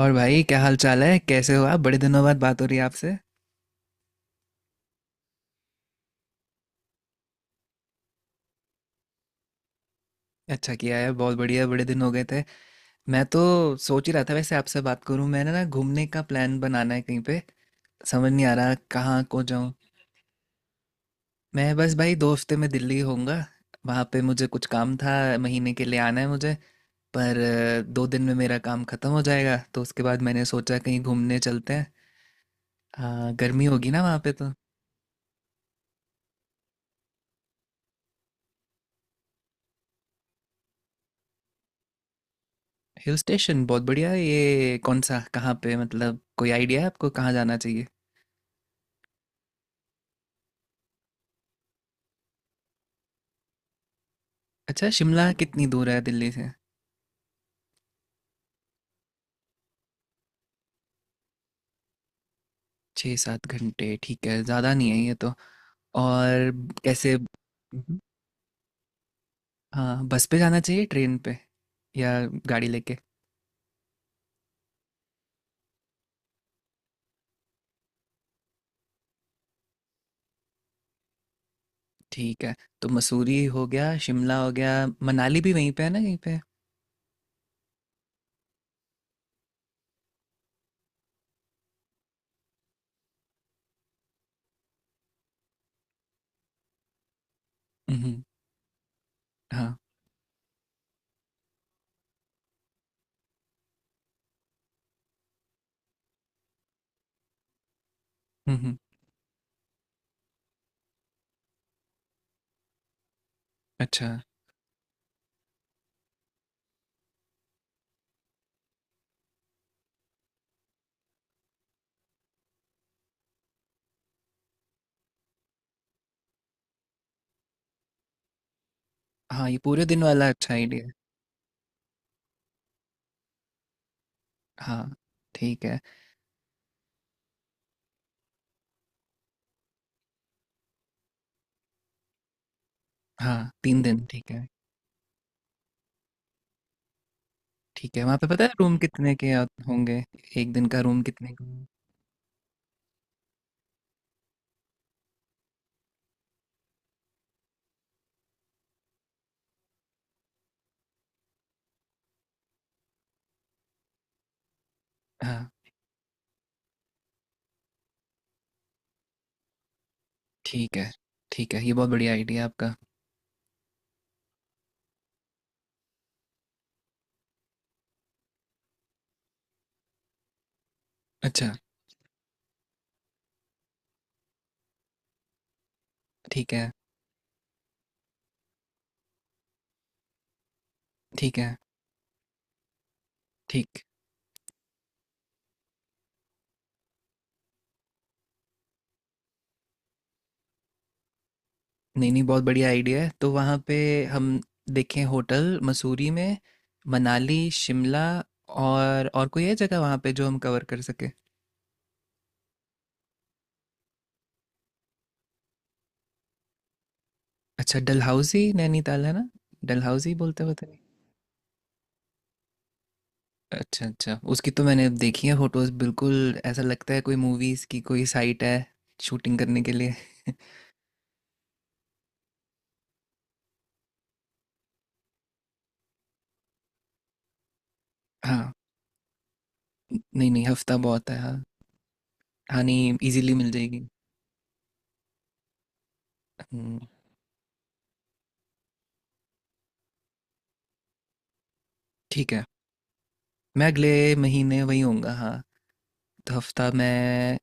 और भाई, क्या हाल चाल है? कैसे हो आप? बड़े दिनों बाद बात हो रही है आपसे। अच्छा किया है, बहुत बढ़िया, बड़े दिन हो गए थे। मैं तो सोच ही रहा था वैसे आपसे बात करूं। मैंने ना घूमने का प्लान बनाना है कहीं पे, समझ नहीं आ रहा कहाँ को जाऊं। मैं बस भाई 2 हफ्ते में दिल्ली होऊंगा। वहाँ पे मुझे कुछ काम था, महीने के लिए आना है मुझे। पर 2 दिन में मेरा काम खत्म हो जाएगा, तो उसके बाद मैंने सोचा कहीं घूमने चलते हैं। हाँ, गर्मी होगी ना वहाँ पे तो। हिल स्टेशन बहुत बढ़िया है। ये कौन सा, कहाँ पे, मतलब कोई आइडिया है आपको कहाँ जाना चाहिए? अच्छा, शिमला कितनी दूर है दिल्ली से? 6-7 घंटे ठीक है, ज़्यादा नहीं है ये तो। और कैसे? मम्म। हाँ, बस पे जाना चाहिए, ट्रेन पे, या गाड़ी लेके। ठीक है। तो मसूरी हो गया, शिमला हो गया। मनाली भी वहीं पे है ना कहीं पे? हम्म। हाँ। हम्म। अच्छा। हाँ, ये पूरे दिन वाला अच्छा आइडिया है। हाँ। ठीक है। हाँ, 3 दिन ठीक है। ठीक है, वहाँ पे पता है रूम कितने के होंगे? एक दिन का रूम कितने का होगा? हाँ। ठीक है, ठीक है, ये बहुत बढ़िया आइडिया आपका। अच्छा। ठीक है। ठीक है। ठीक। नहीं, नहीं, बहुत बढ़िया आइडिया है। तो वहाँ पे हम देखें होटल मसूरी में, मनाली, शिमला और कोई है जगह वहाँ पे जो हम कवर कर सकें? अच्छा, डलहौज़ी नैनीताल है ना? डलहौज़ी बोलते हैं, पता नहीं। अच्छा, अच्छा। उसकी तो मैंने देखी है फ़ोटोज़, बिल्कुल ऐसा लगता है कोई मूवीज़ की कोई साइट है शूटिंग करने के लिए। हाँ। न नहीं, नहीं, हफ़्ता बहुत है, हाँ। हाँ, नहीं, ईज़िली मिल जाएगी। हुँ, ठीक है। मैं अगले महीने वहीं होऊँगा, हाँ। तो हफ्ता में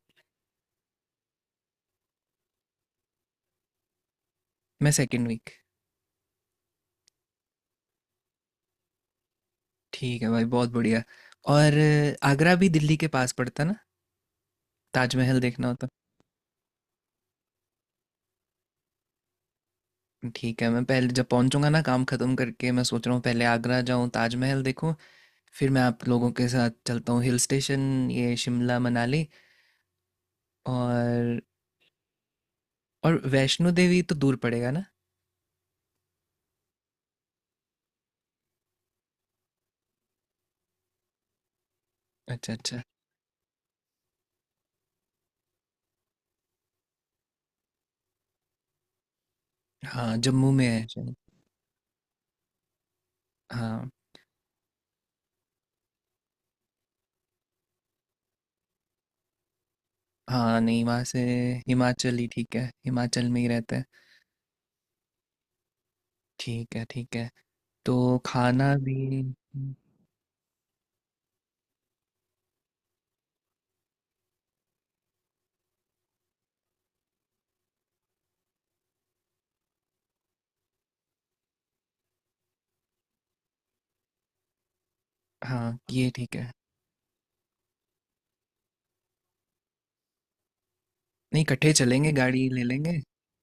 मैं सेकंड वीक। ठीक है भाई, बहुत बढ़िया। और आगरा भी दिल्ली के पास पड़ता ना, ताजमहल देखना होता। ठीक है, मैं पहले जब पहुंचूंगा ना काम खत्म करके, मैं सोच रहा हूँ पहले आगरा जाऊँ, ताजमहल देखूँ, फिर मैं आप लोगों के साथ चलता हूँ हिल स्टेशन, ये शिमला मनाली। और और वैष्णो देवी तो दूर पड़ेगा ना? अच्छा, अच्छा। हाँ, जम्मू में है शायद। हाँ। हाँ, नहीं, वहाँ से हिमाचल ही ठीक है, हिमाचल में ही रहते हैं। ठीक है, ठीक है। तो खाना भी। हाँ, ये ठीक है। नहीं, इकट्ठे ही चलेंगे, गाड़ी ले लेंगे।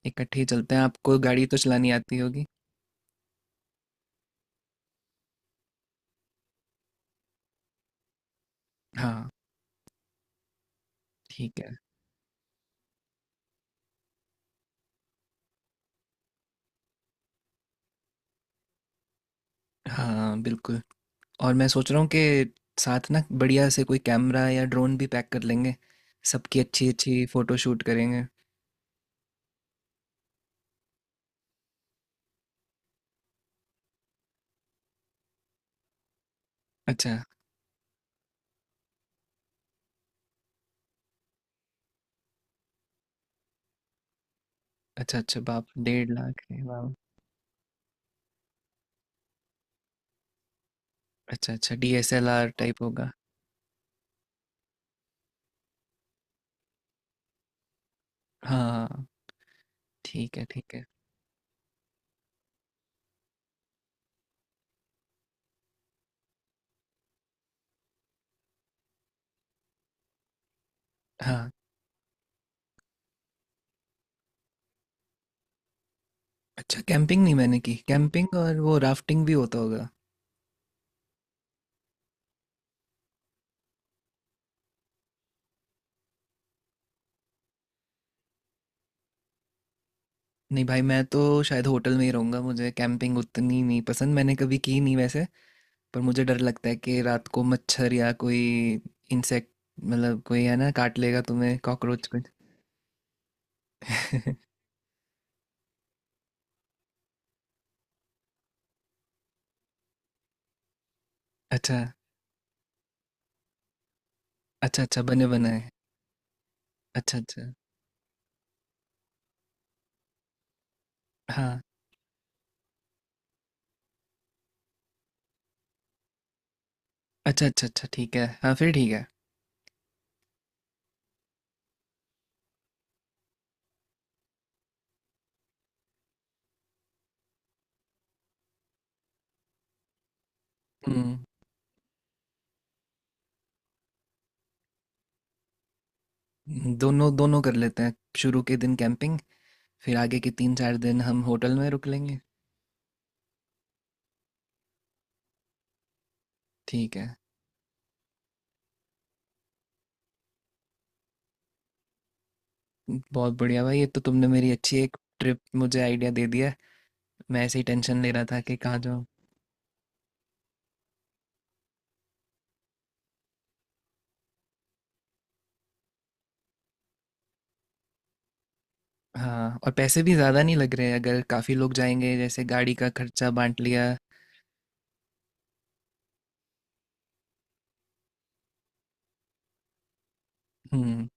इकट्ठे ही चलते हैं, आपको गाड़ी तो चलानी आती होगी। हाँ। ठीक है। हाँ, बिल्कुल। और मैं सोच रहा हूँ कि साथ ना बढ़िया से कोई कैमरा या ड्रोन भी पैक कर लेंगे, सबकी अच्छी अच्छी फोटो शूट करेंगे। अच्छा। अच्छा अच्छा बाप, 1.5 लाख है, वाह। अच्छा, अच्छा, डीएसएलआर टाइप होगा। हाँ। ठीक है, ठीक है। हाँ। अच्छा, कैंपिंग नहीं मैंने की, कैंपिंग और वो राफ्टिंग भी होता होगा। नहीं भाई, मैं तो शायद होटल में ही रहूंगा, मुझे कैंपिंग उतनी नहीं पसंद, मैंने कभी की नहीं वैसे। पर मुझे डर लगता है कि रात को मच्छर या कोई इंसेक्ट, मतलब कोई है ना काट लेगा तुम्हें, कॉकरोच कुछ। अच्छा। अच्छा, अच्छा, बने बनाए। अच्छा, अच्छा। हाँ। अच्छा, अच्छा, अच्छा, ठीक है, हाँ, फिर ठीक है। हम्म। दोनों दोनों कर लेते हैं, शुरू के दिन कैंपिंग, फिर आगे के 3-4 दिन हम होटल में रुक लेंगे। ठीक है। बहुत बढ़िया भाई, ये तो तुमने मेरी अच्छी एक ट्रिप मुझे आइडिया दे दिया है। मैं ऐसे ही टेंशन ले रहा था कि कहाँ जाऊँ। हाँ, और पैसे भी ज़्यादा नहीं लग रहे अगर काफ़ी लोग जाएंगे, जैसे गाड़ी का खर्चा बांट लिया। हम्म।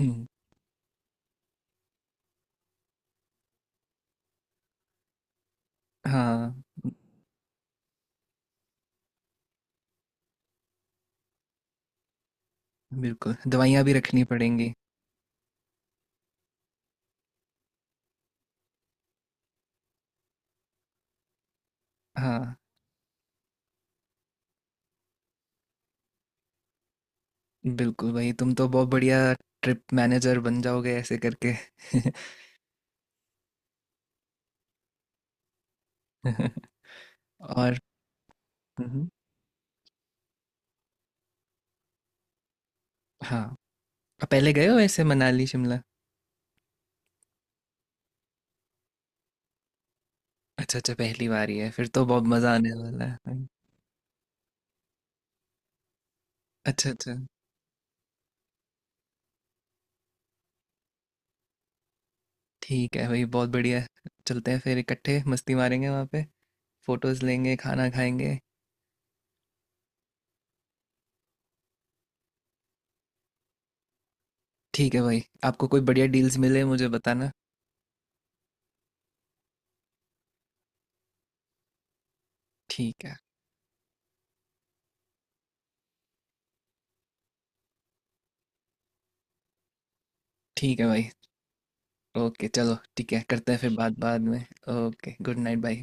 हम्म, हाँ, बिल्कुल, दवाइयाँ भी रखनी पड़ेंगी। हाँ। बिल्कुल भाई, तुम तो बहुत बढ़िया ट्रिप मैनेजर बन जाओगे ऐसे करके। और हम्म, हाँ। अब पहले गए हो ऐसे मनाली शिमला? अच्छा, अच्छा, पहली बार ही है, फिर तो बहुत मज़ा आने वाला है। अच्छा, अच्छा, ठीक है भाई, बहुत बढ़िया। चलते हैं फिर इकट्ठे, मस्ती मारेंगे वहाँ पे, फोटोज लेंगे, खाना खाएंगे। ठीक है भाई, आपको कोई बढ़िया डील्स मिले मुझे बताना। ठीक है। ठीक है भाई। ओके, चलो, ठीक है, करते हैं फिर बात बाद में। ओके, गुड नाइट भाई।